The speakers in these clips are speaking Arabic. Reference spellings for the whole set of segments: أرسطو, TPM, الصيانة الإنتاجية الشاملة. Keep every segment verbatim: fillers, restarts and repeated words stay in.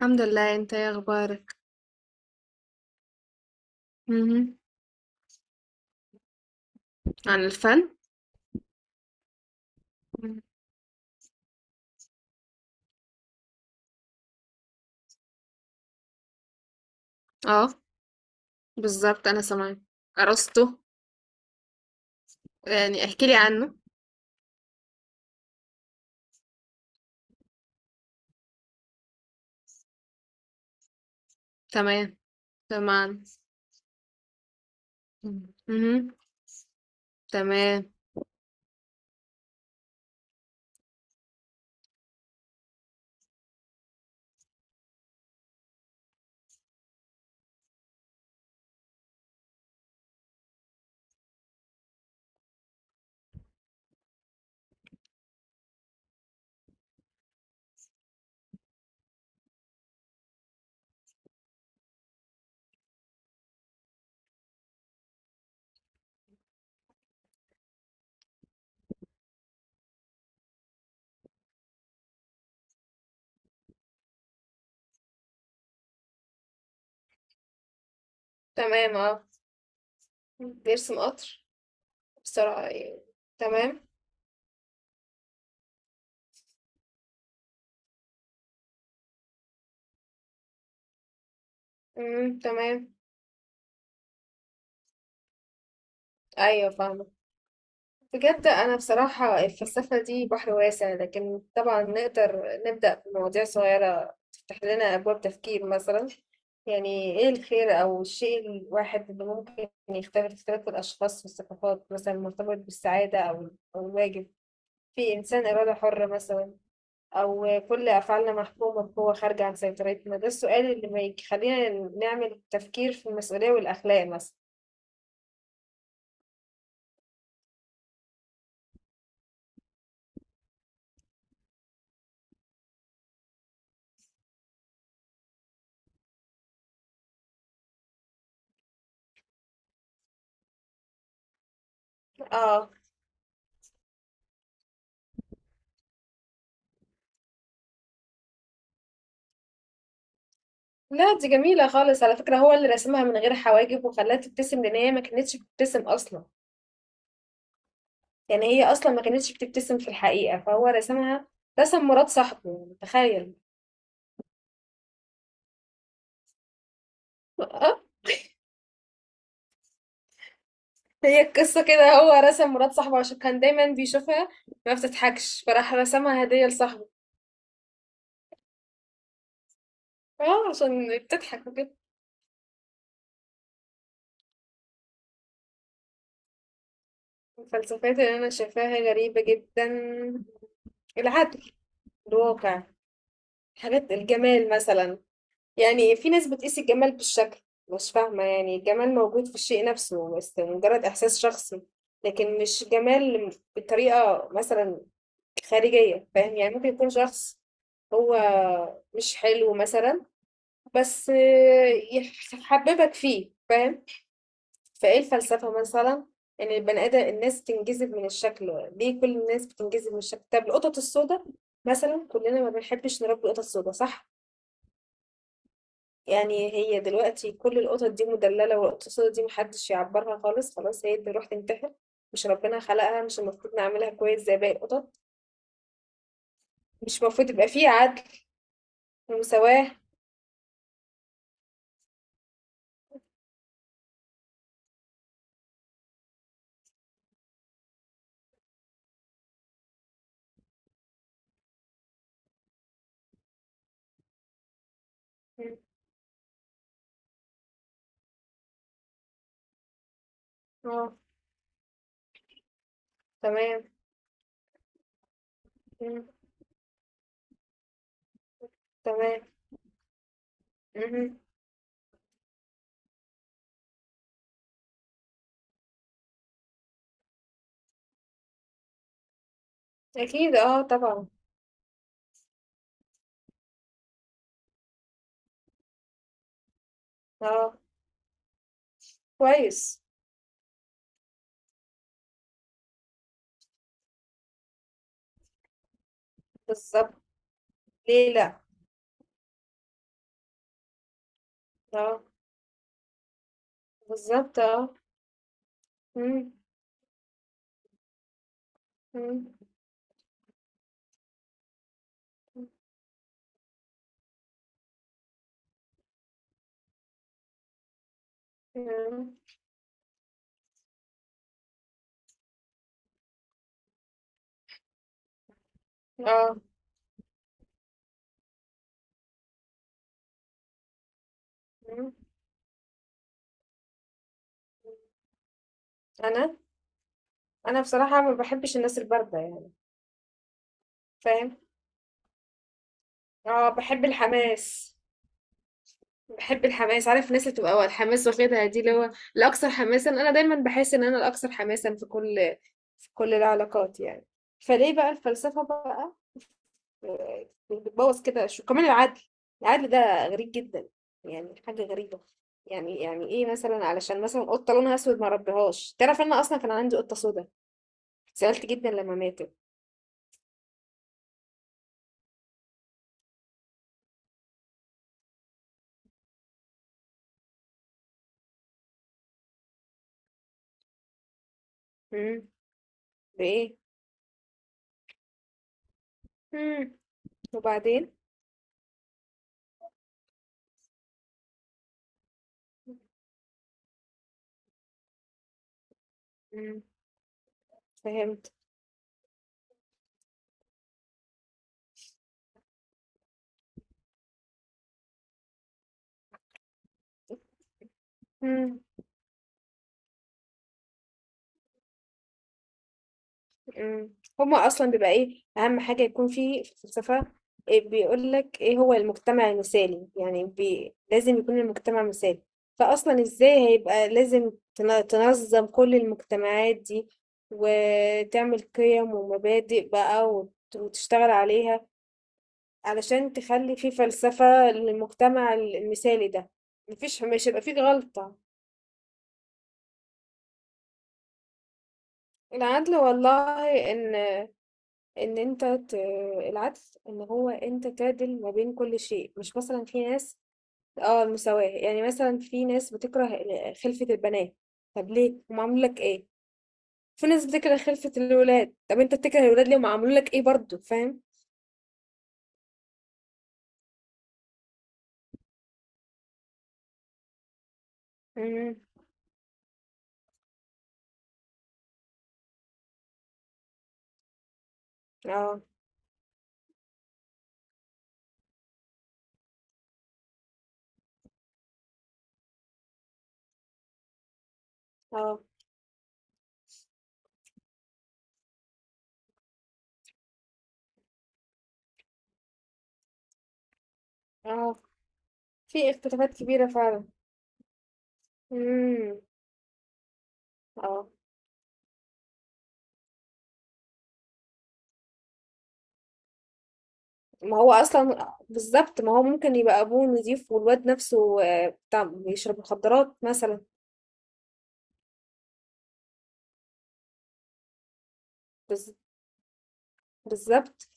الحمد لله. انت ايه اخبارك؟ مهم. عن الفن. مم. اه، بالظبط انا سامعه. ارسطو. يعني احكي لي عنه. تمام. تمام. مم. مهم. تمام. تمام. اه، بيرسم قطر. بسرعة يعني. تمام. مم. تمام. ايوه، فاهمة. بجد أنا بصراحة الفلسفة دي بحر واسع، لكن طبعا نقدر نبدأ بمواضيع صغيرة تفتح لنا أبواب تفكير. مثلا يعني إيه الخير أو الشيء الواحد اللي ممكن يختلف اختلاف الأشخاص والثقافات، مثلا مرتبط بالسعادة أو أو الواجب. في إنسان إرادة حرة مثلا، أو كل أفعالنا محكومة بقوة خارجة عن سيطرتنا؟ ده السؤال اللي ما يخلينا نعمل تفكير في المسؤولية والأخلاق مثلا. آه، لا، دي جميلة خالص على فكرة. هو اللي رسمها من غير حواجب وخلاها تبتسم، لأن هي ما كانتش بتبتسم أصلا. يعني هي أصلا ما كانتش بتبتسم في الحقيقة، فهو رسمها. رسم مرات صاحبه، يعني تخيل. اه. هي القصة كده، هو رسم مرات صاحبه عشان كان دايما بيشوفها ما بتضحكش، فراح رسمها هدية لصاحبه. اه، عشان بتضحك وكده. الفلسفات اللي أنا شايفاها غريبة جدا، العدل، الواقع، حاجات الجمال مثلا. يعني في ناس بتقيس الجمال بالشكل. مش فاهمة، يعني الجمال موجود في الشيء نفسه بس مجرد إحساس شخصي، لكن مش جمال بطريقة مثلا خارجية. فاهم؟ يعني ممكن يكون شخص هو مش حلو مثلا، بس يحببك فيه. فاهم؟ فايه الفلسفة مثلا ان البني ادم الناس تنجذب من الشكل. ليه كل الناس بتنجذب من الشكل؟ طب القطط السوداء مثلا، كلنا ما بنحبش نربي قطط سوداء، صح؟ يعني هي دلوقتي كل القطط دي مدللة، والقطط دي محدش يعبرها خالص، خلاص، هي اللي روح تنتحر؟ مش ربنا خلقها؟ مش المفروض نعملها كويس زي باقي القطط؟ مش المفروض يبقى فيه عدل ومساواة؟ مم. اه. تمام. مم. تمام. مهم. أكيد اه طبعا. اه. كويس. بالظبط. ليه لأ. اه، بالظبط. اه. مم. مم. مم. اه. مم. أنا أنا بصراحة ما بحبش الناس الباردة يعني. فاهم. اه، بحب الحماس. بحب الحماس. عارف الناس اللي بتبقى الحماس واخدها، دي اللي هو الاكثر حماسا. انا دايما بحس ان انا الاكثر حماسا في كل في كل العلاقات يعني. فليه بقى الفلسفة بقى آه، بتبوظ كده؟ شو كمان؟ العدل. العدل ده غريب جدا، يعني حاجة غريبة. يعني يعني ايه مثلا علشان مثلا قطة لونها اسود ما ربيهاش؟ تعرف ان انا اصلا كان عندي قطة سودا، سألت جدا لما ماتت. امم. بايه؟ امم. وبعدين؟ امم. فهمت. إمم. هُم أصلًا بيبقى إيه، أهم حاجة يكون في في الفلسفة، آآ بيقول لك إيه هو المجتمع المثالي، يعني بي لازم يكون المجتمع مثالي. فأصلًا إزاي هيبقى؟ لازم تن تنظّم كل المجتمعات دي، وتعمل قِيَم ومبادئ بقى، وت وتشتغل عليها، علشان تخلّي في فلسفة للمجتمع ال المثالي ده، ما فيش مش هيبقى في غلطة. العدل والله، إن إن أنت ت العدل إن هو أنت تعدل ما بين كل شيء، مش مثلًا في ناس. آه، المساواة. يعني مثلًا في ناس بتكره ال خلفة البنات، طب ليه؟ هُم عملوا لك إيه؟ في ناس بتكره خلفة الولاد، طب أنت بتكره الولاد ليه؟ هُم عملوا لك إيه برضه؟ فاهم؟ إمم. آه. آه. آه. في اختلافات كبيرة فعلًا. إمم. آه. ما هو أصلًا بالضبط، ما هو ممكن يبقى أبوه نضيف والواد نفسه آه، بتاع بيشرب مخدرات مثلًا. بالض بالضبط.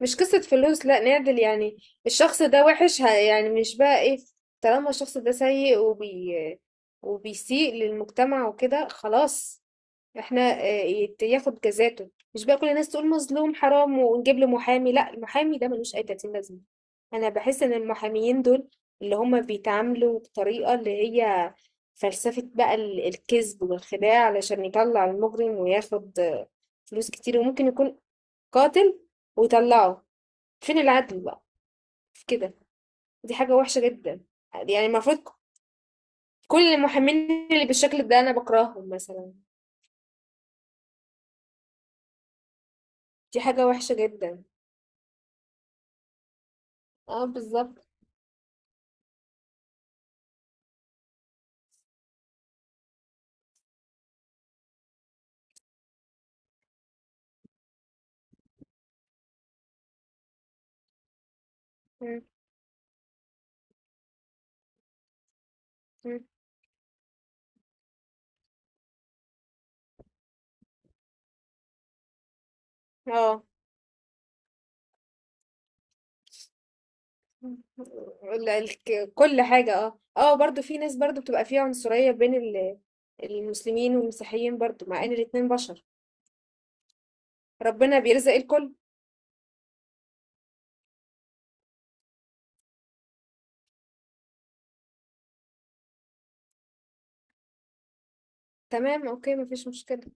مش قصة فلوس، لا، نعدل يعني. الشخص ده وحش ه- يعني مش بقى ايه، طالما الشخص ده سيء وبي وبيسيء للمجتمع وكده، خلاص احنا آه، يت- ياخد جزاته. مش بقى كل الناس تقول مظلوم حرام ونجيب له محامي. لا، المحامي ده ملوش اي تلاتين لازمة. انا بحس ان المحاميين دول اللي هما بيتعاملوا بطريقة اللي هي فلسفة بقى ال- الكذب والخداع علشان يطلع المجرم وياخد آه، فلوس كتير، وممكن يكون قاتل ويطلعه. فين العدل بقى في كده؟ دي حاجة وحشة جدا. يعني المفروض كل المحامين اللي بالشكل ده انا بكرههم مثلا. دي حاجة وحشة جدا. اه، بالظبط. مم. مم. اه، ال- ال- كل حاجة. اه اه، برضو في ناس برضو بتبقى فيها عنصرية بين ال- المسلمين والمسيحيين، برضو مع ان الاتنين بشر. ربنا بيرزق الكل. تمام، اوكي، مفيش مشكلة.